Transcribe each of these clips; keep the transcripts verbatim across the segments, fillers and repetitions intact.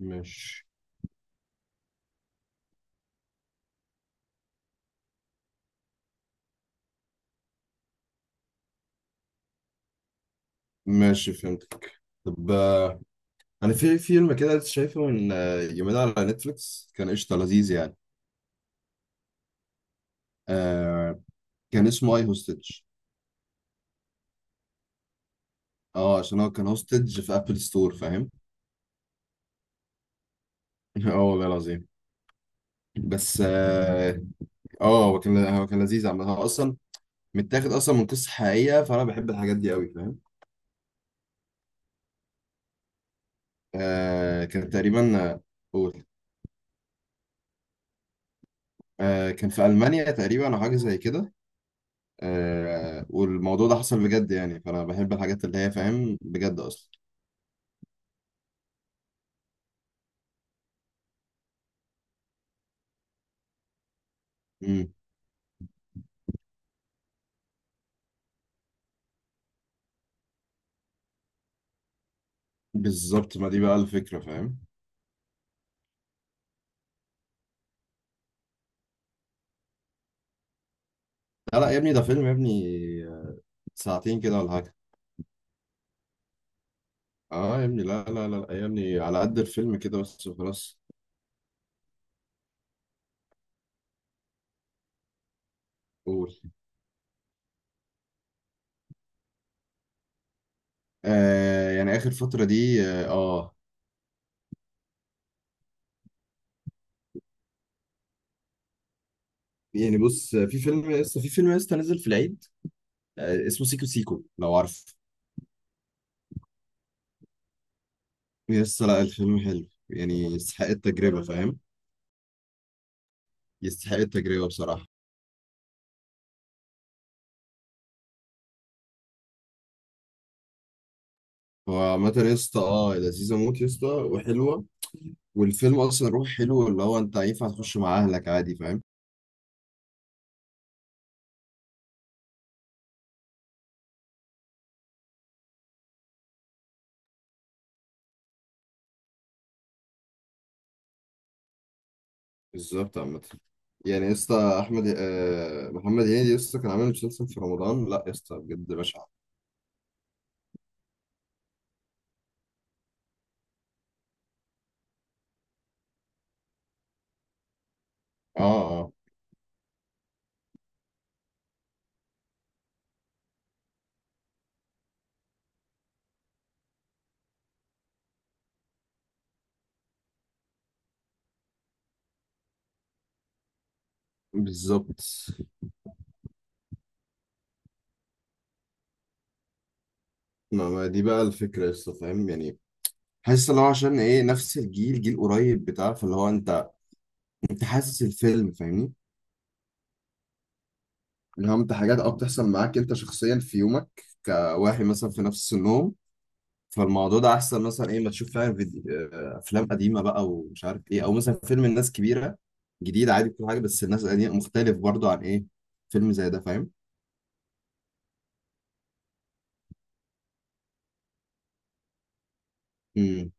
ماشي، ماشي، فهمتك. طب، آه، انا في فيلم كده لسه شايفه من آه، يومين على نتفليكس، كان قشطه لذيذ يعني. آه كان اسمه اي هوستج. اه عشان هو كان هوستج في ابل ستور، فاهم؟ اه، والله العظيم. بس اه آه، هو كان هو كان لذيذ عامة. هو اصلا متاخد اصلا من قصه حقيقيه، فانا بحب الحاجات دي قوي، فاهم؟ آه كان تقريبا آه، قول. آه كان في المانيا تقريبا او حاجه زي كده. آه والموضوع ده حصل بجد يعني، فانا بحب الحاجات اللي هي، فاهم، بجد اصلا. امم بالظبط، ما دي بقى الفكره، فاهم؟ لا، لا، يا ابني، ده فيلم يا ابني. ساعتين كده ولا حاجه. اه، يا ابني، لا، لا، لا، لا يا ابني، على قد الفيلم كده بس وخلاص. قول. آه يعني اخر فتره دي. اه آه. يعني بص، في فيلم لسه في فيلم لسه نزل في العيد. آه اسمه سيكو سيكو، لو عارف. لسه لا، الفيلم حلو يعني، يستحق التجربه، فاهم؟ يستحق التجربه بصراحه. هو عامة يا اسطى، اه لذيذة موت يا اسطى وحلوة. والفيلم أصلا روح حلو، اللي هو أنت ينفع تخش مع أهلك عادي، فاهم؟ بالظبط، عامة يعني يا اسطى أحمد آه محمد هنيدي، يا اسطى كان عامل مسلسل في رمضان لا يا اسطى بجد بشع. اه، اه، بالظبط ما ما دي بقى الفكرة يا اسطى، فاهم يعني؟ حاسس اللي هو عشان ايه نفس الجيل، جيل قريب بتاع، فاللي هو انت، انت حاسس الفيلم، فاهمني؟ اللي هو انت حاجات اه بتحصل معاك انت شخصيا في يومك كواحد مثلا في نفس سنهم. فالموضوع ده احسن مثلا، ايه، ما تشوف فعلا فيديو، آه، افلام قديمه بقى ومش عارف ايه، او مثلا فيلم الناس كبيره جديد عادي. كل حاجه، بس الناس القديمه مختلف برضو عن ايه، فيلم زي ده، فاهم؟ امم.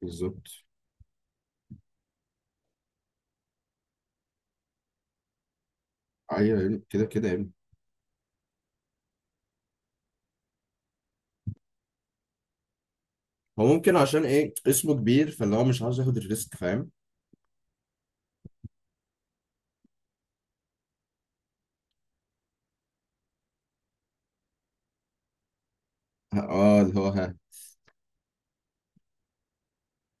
بالظبط. ايوه يعني كده كده يعني. هو ممكن عشان ايه اسمه كبير، فاللي هو مش عاوز ياخد الريسك، فاهم؟ اه، اللي هو، ها،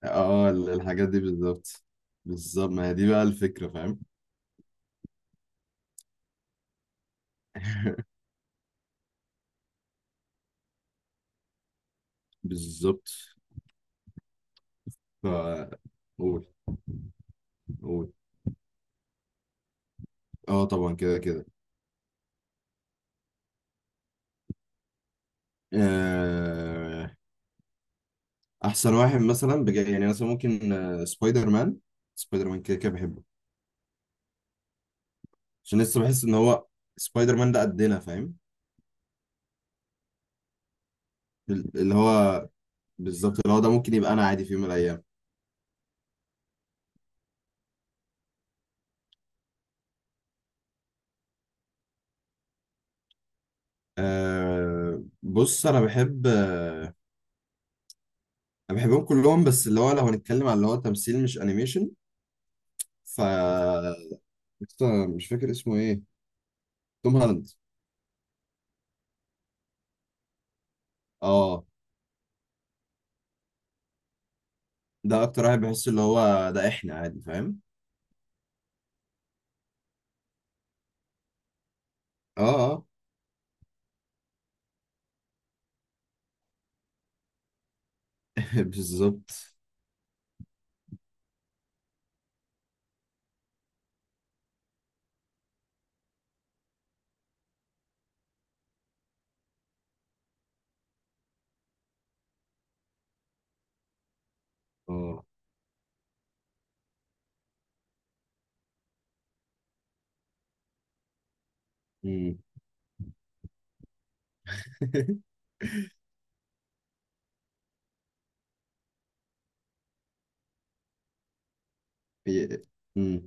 اه، ال- الحاجات دي بالظبط. بالظبط، ما هي دي بقى الفكره، فاهم؟ بالظبط. ف قول، قول. اه، طبعا كده كده. آه، احسن واحد مثلا بجد يعني، مثلا ممكن آه، سبايدر مان. سبايدر مان كده كده بحبه، عشان لسه بحس ان هو سبايدر مان ده قدنا، فاهم؟ ال- اللي هو بالظبط، اللي هو ده ممكن يبقى انا عادي في يوم من الايام. أه، بص، انا بحب انا بحبهم كلهم، بس اللي هو لو هنتكلم على اللي هو تمثيل مش انيميشن. ف لسه مش فاكر اسمه ايه. توم هولاند. اه، ده اكتر واحد بحس اللي هو ده احنا عادي، فاهم؟ اه. آه. بالظبط. اه. مم. هي- مم.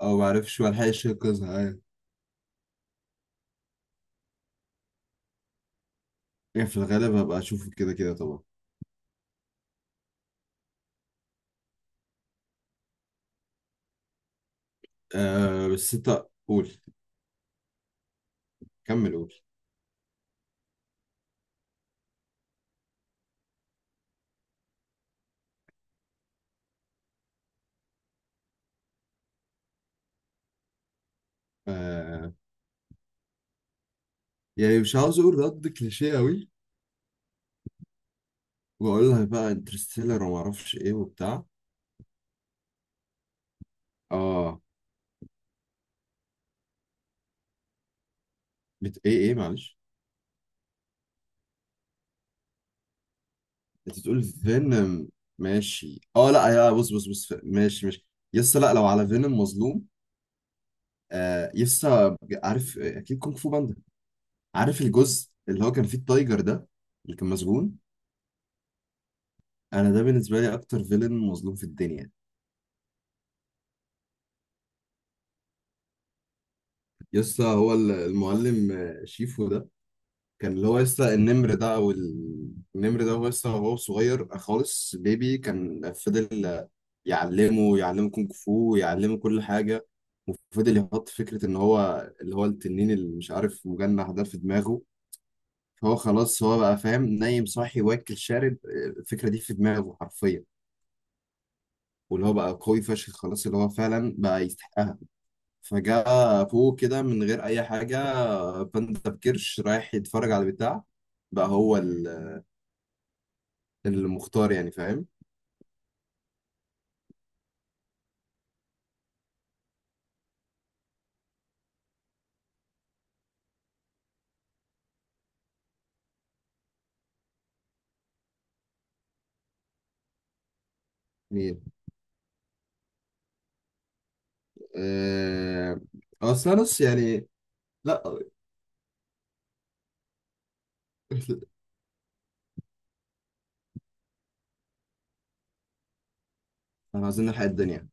اه، معرفش، ملحقش انقذها، ايوه. يعني في الغالب هبقى اشوفه كده كده طبعا. آه، بس انت قول، كمل قول. آه يعني مش عاوز اقول رد كليشيه قوي واقول لها بقى انترستيلر وما اعرفش ايه وبتاع. اه، بت... ايه ايه معلش. انت بتقول فينوم. ماشي، اه، لا، يا بص، بص، بص، ماشي، ماشي. يسا لا، لو على فينوم مظلوم. آه يسا، عارف اكيد كونغ فو باندا؟ عارف الجزء اللي هو كان فيه التايجر ده، اللي كان مسجون؟ انا ده بالنسبه لي اكتر فيلن مظلوم في الدنيا. يسا، هو ال- المعلم آه، شيفو ده كان اللي هو لسه النمر ده او ال- النمر ده هو لسه هو صغير خالص بيبي، كان فضل يعلمه يعلمه كونغ فو، يعلمه كل حاجه. وفضل يحط فكره ان هو اللي هو التنين اللي مش عارف مجنح ده في دماغه. فهو خلاص هو بقى فاهم نايم صاحي واكل شارب، الفكره دي في دماغه حرفيا. واللي هو بقى قوي فشخ خلاص، اللي هو فعلا بقى يستحقها. فجاء فوق كده من غير اي حاجه، باندا بكرش رايح يتفرج على البتاع، بقى هو ال المختار يعني، فاهم؟ مين؟ آه... اصل نص يعني. لا. احنا عايزين نلحق الدنيا.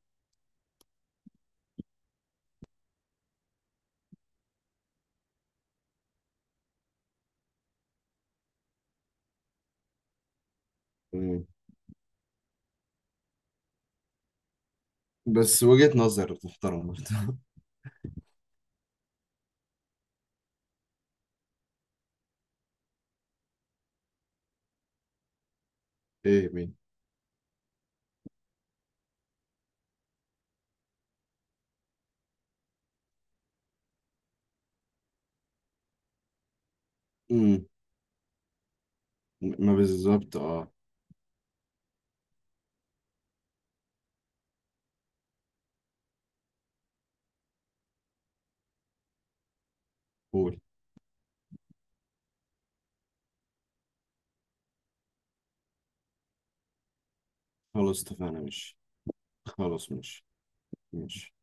مم. بس وجهة نظر تحترم برضه. ايه، مين؟ مم. ما بالظبط، اه. قول. خلاص، اتفقنا، ماشي. خلاص، ماشي، ماشي.